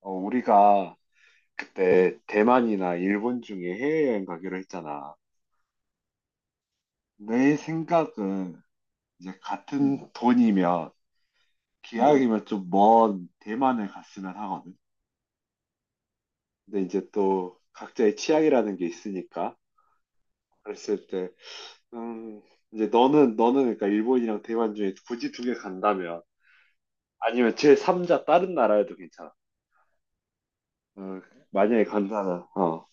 우리가 그때 대만이나 일본 중에 해외여행 가기로 했잖아. 내 생각은 이제 같은 돈이면 기왕이면 좀 먼 대만을 갔으면 하거든. 근데 이제 또 각자의 취향이라는 게 있으니까 그랬을 때, 음, 이제 너는 그러니까 일본이랑 대만 중에 굳이 2개 간다면 아니면 제 3자 다른 나라에도 괜찮아. 어, 만약에 간다면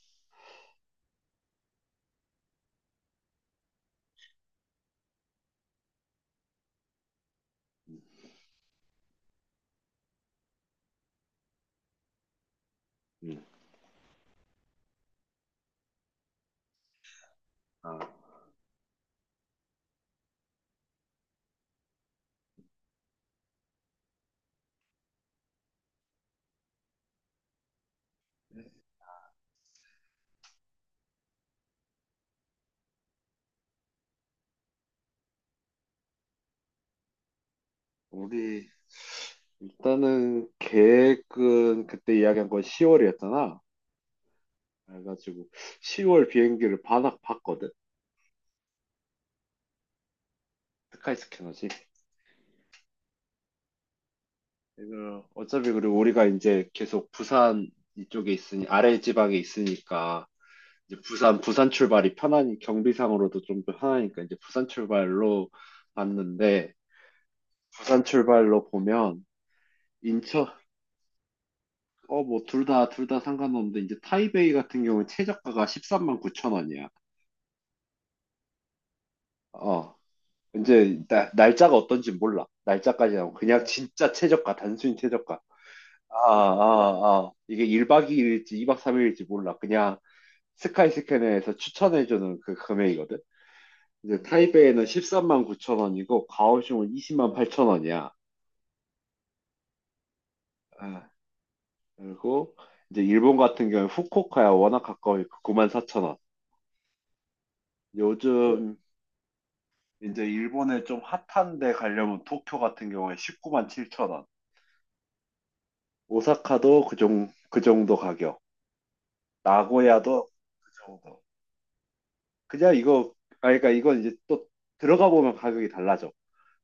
음, 음. 아, 우리 일단은 계획은 그때 이야기한 건 10월이었잖아. 그래가지고 10월 비행기를 반납 봤거든. 스카이 스캐너지. 이거 어차피 그리고 우리가 이제 계속 부산 이쪽에 있으니 아래 지방에 있으니까 이제 부산 출발이 편하니 경비상으로도 좀 편하니까 이제 부산 출발로 봤는데 부산 출발로 보면 인천 뭐 둘 다 상관없는데 이제 타이베이 같은 경우는 최저가가 1 3 9 0 0 0 원이야. 어, 이제 날짜가 어떤지 몰라. 날짜까지 하고 그냥 진짜 최저가 단순히 최저가. 이게 1박 2일일지 2박 3일일지 몰라. 그냥 스카이스캐너에서 추천해주는 그 금액이거든. 이제 타이베이는 13만 9천 원이고 가오슝은 20만 8천 원이야. 아, 그리고 이제 일본 같은 경우에 후쿠오카야 워낙 가까우니까 9만 4천 원. 요즘 이제 일본에 좀 핫한데 가려면 도쿄 같은 경우에 19만 7천 원. 오사카도 그 정도 가격. 나고야도 그 정도. 그냥 이거, 그러니까 이건 이제 또 들어가 보면 가격이 달라져.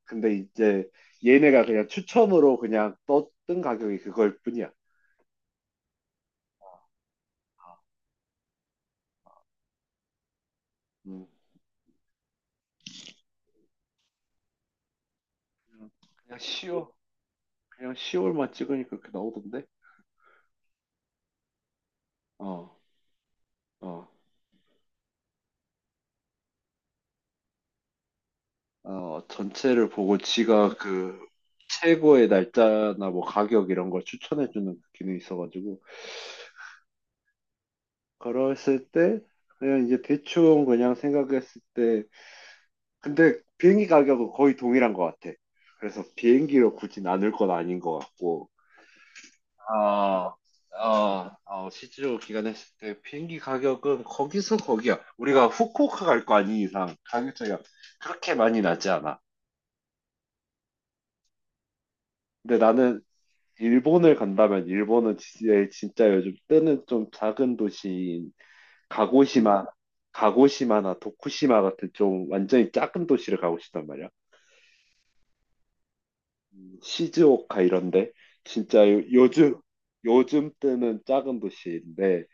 근데 이제 얘네가 그냥 추첨으로 그냥 떴던 가격이 그걸 뿐이야. 아, 음. 그냥 그냥 시월, 그냥 시월만 찍으니까 그렇게 나오던데? 어, 어, 전체를 보고 지가 그 최고의 날짜나 뭐 가격 이런 걸 추천해주는 기능이 있어가지고, 그랬을 때, 그냥 이제 대충 그냥 생각했을 때, 근데 비행기 가격은 거의 동일한 것 같아. 그래서 비행기로 굳이 나눌 건 아닌 것 같고. 아, 실제로 기간했을 때 비행기 가격은 거기서 거기야. 우리가 후쿠오카 갈 거 아닌 이상 가격 차이가 그렇게 많이 나지 않아. 근데 나는 일본을 간다면 일본은 진짜, 진짜 요즘 뜨는 좀 작은 도시인 가고시마, 가고시마나 도쿠시마 같은 좀 완전히 작은 도시를 가고 싶단 말이야. 시즈오카 이런데 진짜 요즘 때는 작은 도시인데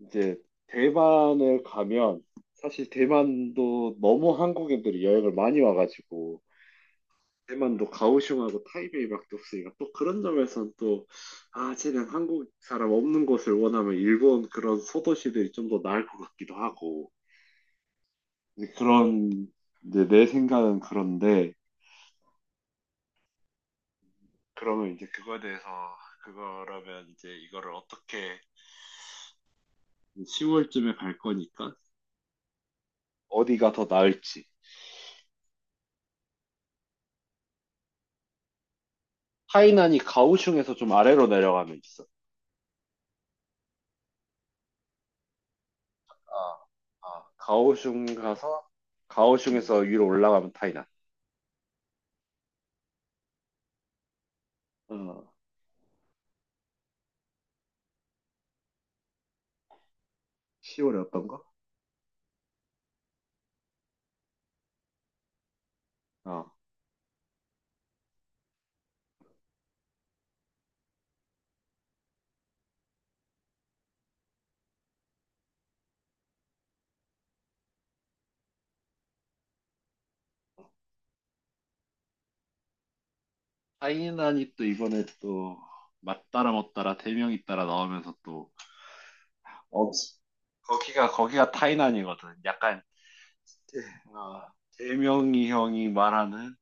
이제 대만을 가면 사실 대만도 너무 한국인들이 여행을 많이 와가지고 대만도 가오슝하고 타이베이밖에 없으니까 또 그런 점에선 또 쟤는 한국 사람 없는 곳을 원하면 일본 그런 소도시들이 좀 더 나을 것 같기도 하고 이제 그런 이제 내 생각은 그런데 그러면 이제 그거에 대해서 그거라면 이제 이거를 어떻게 10월쯤에 갈 거니까. 어디가 더 나을지. 하이난이 가오슝에서 좀 아래로 내려가면 있어. 아, 가오슝 가서 가오슝에서 위로 올라가면 타이난. 어, 10월에 어떤가? 어. 타이난이 또 이번에 또 맞따라 못따라 대명이 따라 나오면서 또 어, 거기가 타이난이거든. 약간 대- 어, 대명이 형이 말하는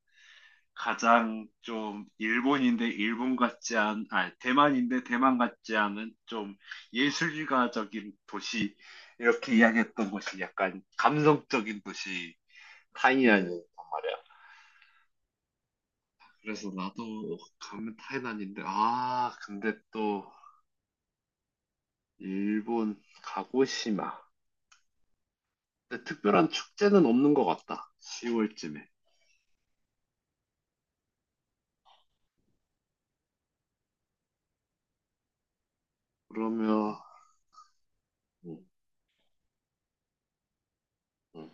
가장 좀 일본인데 일본 같지 않, 아, 대만인데 대만 같지 않은 좀 예술가적인 도시, 이렇게 이야기했던 곳이 약간 감성적인 도시, 타이난이란 말이야. 그래서 나도 가면 타이난인데, 근데 또 일본 가고시마. 근데 특별한 축제는 없는 것 같다. 10월쯤에. 그러면, 음, 음.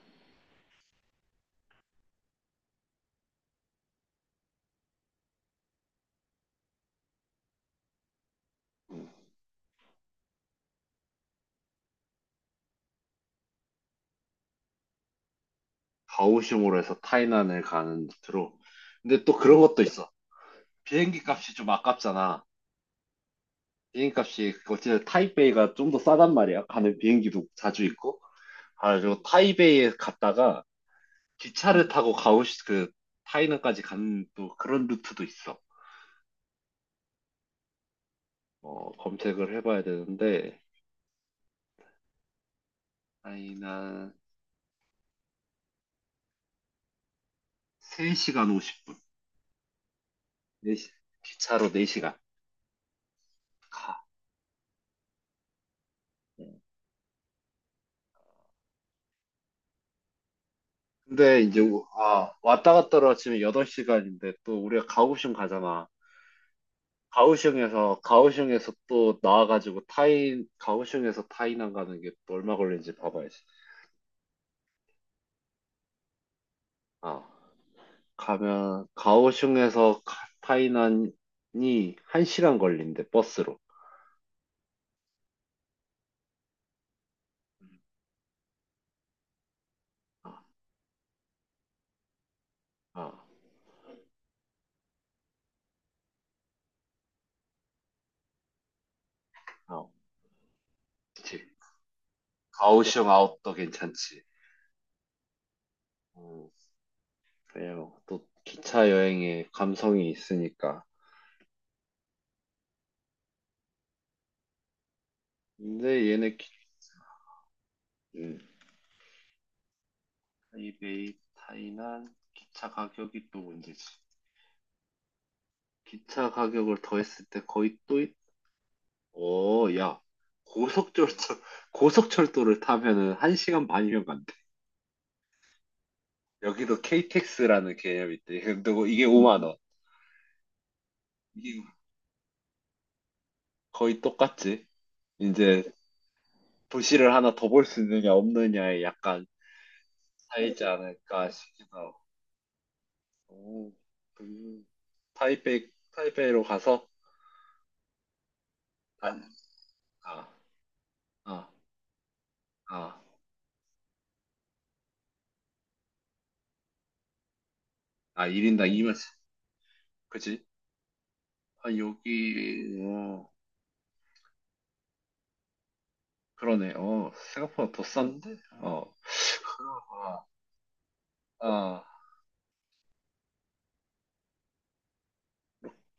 가오슝으로 해서 타이난을 가는 루트로. 근데 또 그런 것도 있어. 비행기 값이 좀 아깝잖아. 비행기 값이 어쨌든 타이베이가 좀 더 싸단 말이야. 가는 비행기도 자주 있고. 그리고 타이베이에 갔다가 기차를 타고 가오 그 타이난까지 가는 또 그런 루트도 있어. 검색을 해봐야 되는데 타이난 3시간 50분. 네 시 기차로 4시간 가. 네. 근데 이제 왔다 갔다 하러 아침에 8시간인데 또 우리가 가오슝 가잖아. 가오슝에서 또 나와가지고 타이 가오슝에서 타이난 가는 게 또 얼마 걸리는지 봐봐야지. 아 가면 가오슝에서 타이난이 1시간 걸린대 버스로. 아, 아, 아, 그치. 가오슝 아웃도 괜찮지. 음, 그래요. 또 기차 여행에 감성이 있으니까. 근데 얘네 기, 음. 타이베이 타이난 기차 가격이 또 문제지. 기차 가격을 더했을 때 거의 또 야, 고속철도, 고속철도를 타면은 1시간 반이면 간대. 여기도 KTX라는 개념이 있대. 근데 뭐 이게 5만 원. 이게 거의 똑같지. 이제 도시를 하나 더 볼 수 있느냐 없느냐에 약간 차이지 않을까 싶기도 하고. 오, 그, 타이베이, 타이베이로 가서 한, 아, 아, 아, 아, 1인당 2만, 그지? 아, 여기, 어, 그러네. 생각보다 더 싼데? 어, 아, 아.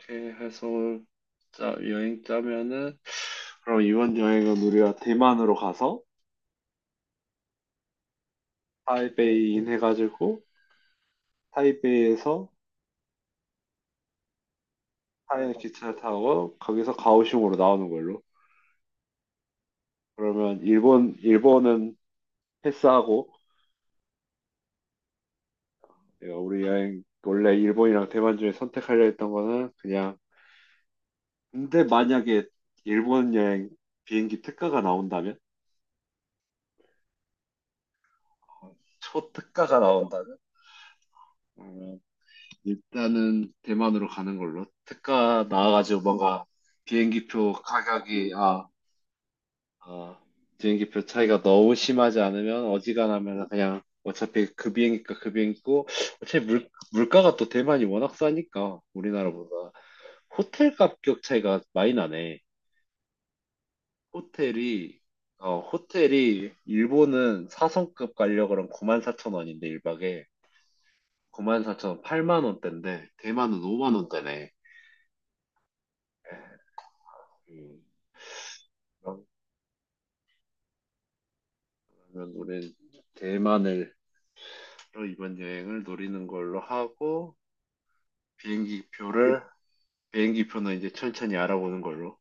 이렇게 해서 여행 짜면은 그럼 이번 여행은 우리가 대만으로 가서 타이베이인 해가지고 타이베이에서 타이의 기차를 타고 거기서 가오슝으로 나오는 걸로. 그러면 일본은 패스하고 내가 우리 여행 원래 일본이랑 대만 중에 선택하려 했던 거는 그냥 근데 만약에 일본 여행 비행기 특가가 나온다면 초 특가가 나온다면 일단은 대만으로 가는 걸로. 특가 나와가지고 뭔가 비행기표 가격이, 아, 아, 비행기표 차이가 너무 심하지 않으면 어지간하면 그냥 어차피 그 비행기가 그 비행기고, 어차피 물가가 또 대만이 워낙 싸니까, 우리나라보다. 호텔 가격 차이가 많이 나네. 호텔이, 호텔이, 일본은 사성급 가려 그러면 94,000원인데, 1박에. 94,000원, 8만원대인데, 대만은 5만원대네. 그러면 우리 대만을 이번 여행을 노리는 걸로 하고 비행기 표를 비행기 표는 이제 천천히 알아보는 걸로.